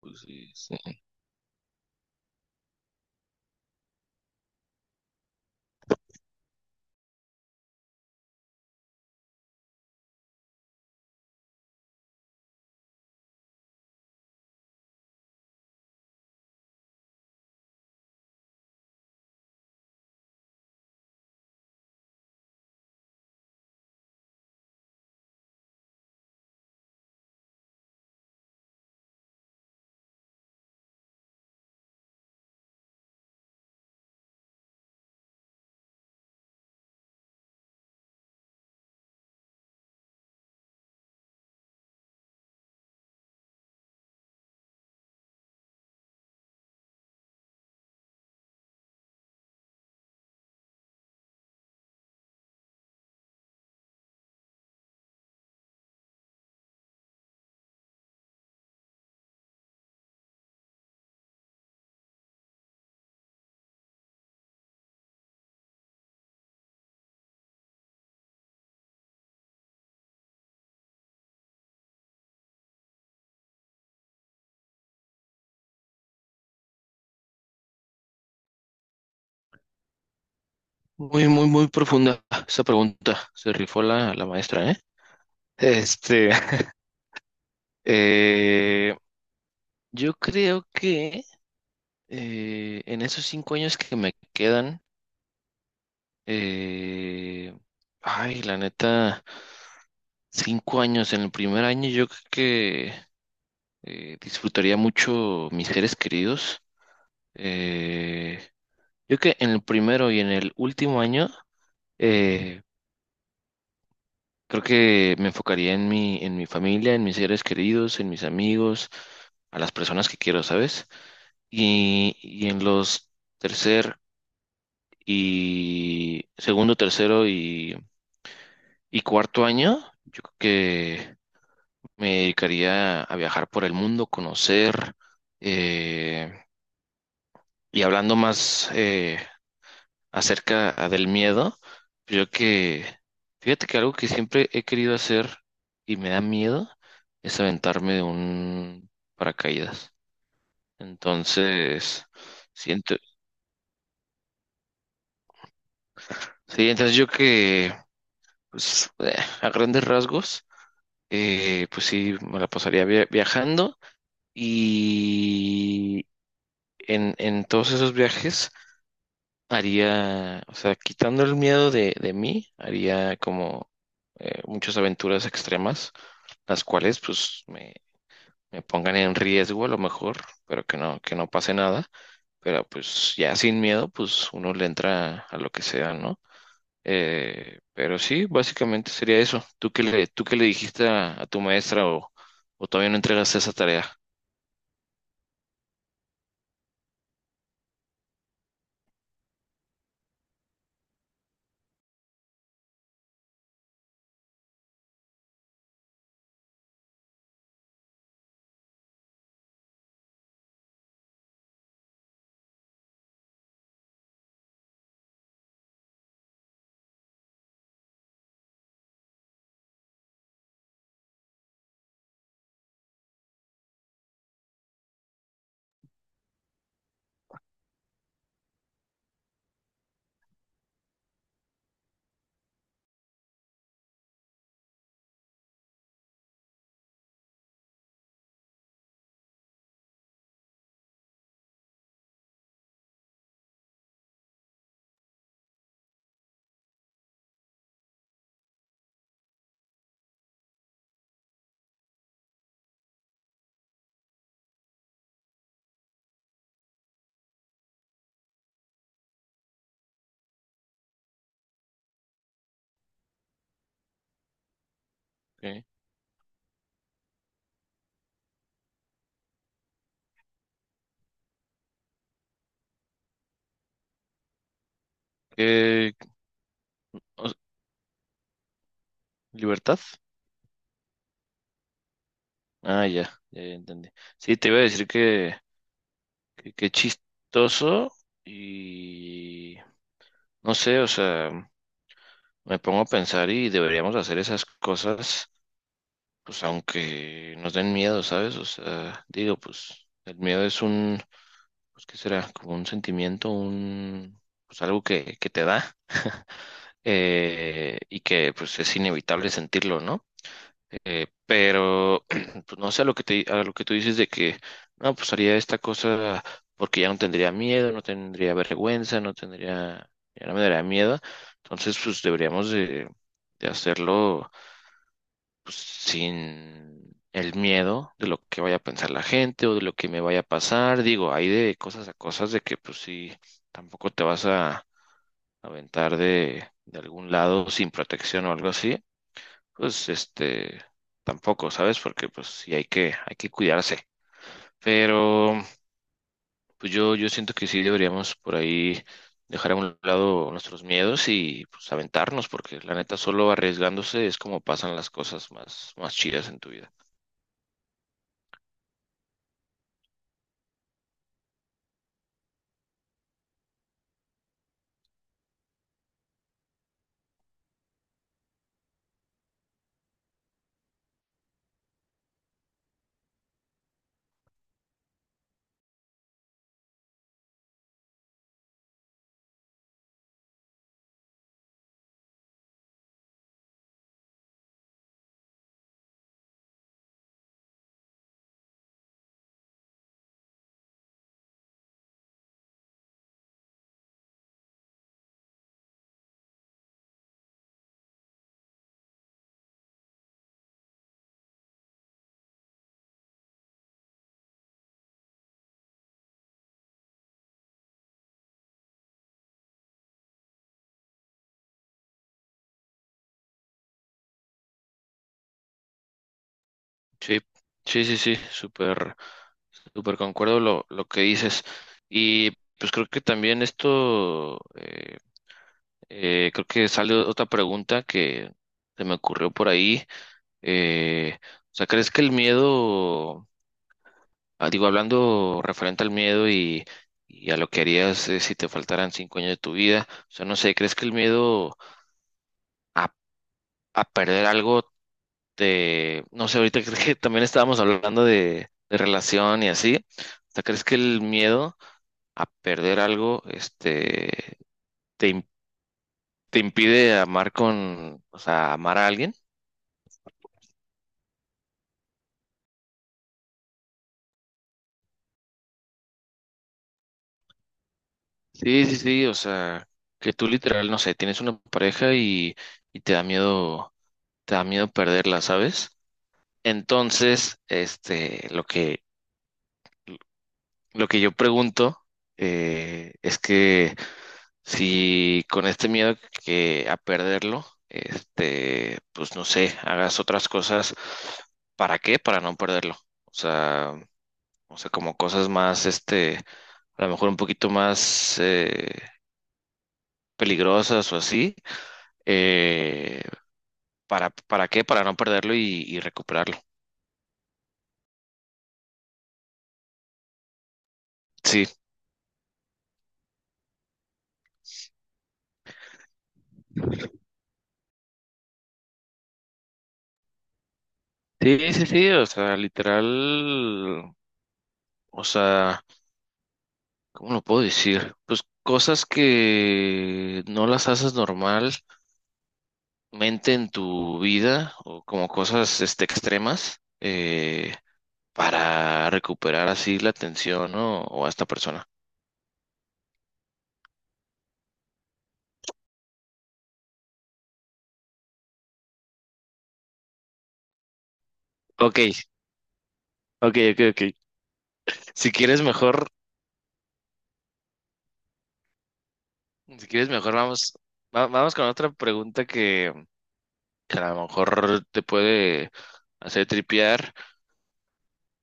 Pues sí, sí. Muy, muy, muy profunda esa pregunta. Se rifó la maestra, ¿eh? Este, eh, yo creo que en esos 5 años que me quedan, eh, ay, la neta, 5 años, en el primer año yo creo que disfrutaría mucho mis seres queridos. Eh, yo creo que en el primero y en el último año, eh, Creo que me enfocaría en mi familia, en mis seres queridos, en mis amigos, a las personas que quiero, ¿sabes? Y en los tercer y segundo, tercero y cuarto año, yo creo que me dedicaría a viajar por el mundo, conocer, eh, y hablando más, acerca del miedo, yo que, fíjate que algo que siempre he querido hacer y me da miedo es aventarme de un paracaídas. Entonces, siento, sí, entonces pues, a grandes rasgos, pues sí, me la pasaría viajando y en todos esos viajes haría, o sea, quitando el miedo de mí, haría como muchas aventuras extremas, las cuales pues me pongan en riesgo a lo mejor, pero que no pase nada. Pero pues ya sin miedo, pues uno le entra a lo que sea, ¿no? Pero sí, básicamente sería eso. ¿Tú qué le dijiste a tu maestra o todavía no entregaste esa tarea? ¿Qué? ¿Qué- o- ¿Libertad? Ah, ya, ya ya entendí. Sí, te iba a decir que qué chistoso y no sé, o sea, me pongo a pensar y deberíamos hacer esas cosas, pues aunque nos den miedo, ¿sabes? O sea, digo, pues el miedo es un, pues ¿qué será? Como un sentimiento, un, pues algo que te da y que pues es inevitable sentirlo, ¿no? Pero, pues no sé, a lo que tú dices de que, no, pues haría esta cosa porque ya no tendría miedo, no tendría vergüenza, no tendría, ya no me daría miedo. Entonces, pues deberíamos de, hacerlo, pues, sin el miedo de lo que vaya a pensar la gente o de lo que me vaya a pasar. Digo, hay de cosas a cosas de que, pues sí, tampoco te vas a aventar de algún lado sin protección o algo así pues este, tampoco, ¿sabes? Porque pues sí hay que cuidarse. Pero pues yo siento que sí deberíamos por ahí dejar a un lado nuestros miedos y pues aventarnos, porque la neta solo arriesgándose es como pasan las cosas más, más chidas en tu vida. Sí, sí, sí, sí, súper, súper concuerdo lo que dices. Y pues creo que también esto, creo que sale otra pregunta que se me ocurrió por ahí O sea, ¿crees que el miedo, digo, hablando referente al miedo y a lo que harías si te faltaran 5 años de tu vida, o sea, no sé, ¿crees que el miedo a, a perder algo te, no sé, ahorita creo que también estábamos hablando de relación y así, o sea, ¿crees que el miedo a perder algo, este, te, im- te impide amar con, o sea, amar a alguien? Sí, sí, sí, o sea, que tú literal, no sé, tienes una pareja y te da miedo perderla, ¿sabes? Entonces, este, lo que yo pregunto es que si con este miedo que a perderlo, este, pues no sé, hagas otras cosas, ¿para qué? Para no perderlo. O sea, o sea, como cosas más, este, a lo mejor un poquito más peligrosas o así eh, ¿para qué? Para no perderlo y recuperarlo. Sí, sí, sí, sí, o sea, literal, o sea, ¿cómo lo puedo decir? Pues cosas que no las haces normalmente en tu vida o como cosas extremas para recuperar así la atención, ¿no? O a esta persona. Ok, ok, ok, ok. Si quieres mejor, si quieres mejor, vamos con otra pregunta que a lo mejor te puede hacer tripear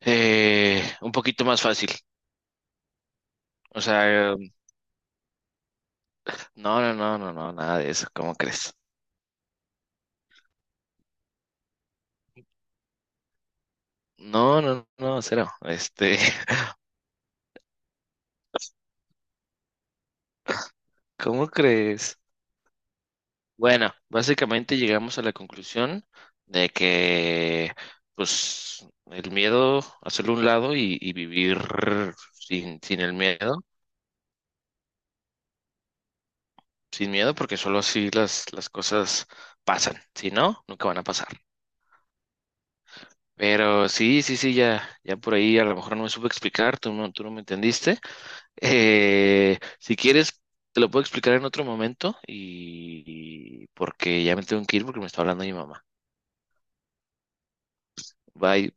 un poquito más fácil. O sea, no, no, no, no, no, nada de eso, ¿cómo crees? No, no, no, cero. Este, ¿cómo crees? Bueno, básicamente llegamos a la conclusión de que, pues, el miedo, hacerlo a un lado y vivir sin el miedo, sin miedo, porque solo así las cosas pasan. Si no, nunca van a pasar. Pero sí, sí, sí, ya, ya por ahí a lo mejor no me supe explicar, tú no me entendiste. Si quieres, te lo puedo explicar en otro momento y porque ya me tengo que ir porque me está hablando mi mamá. Bye.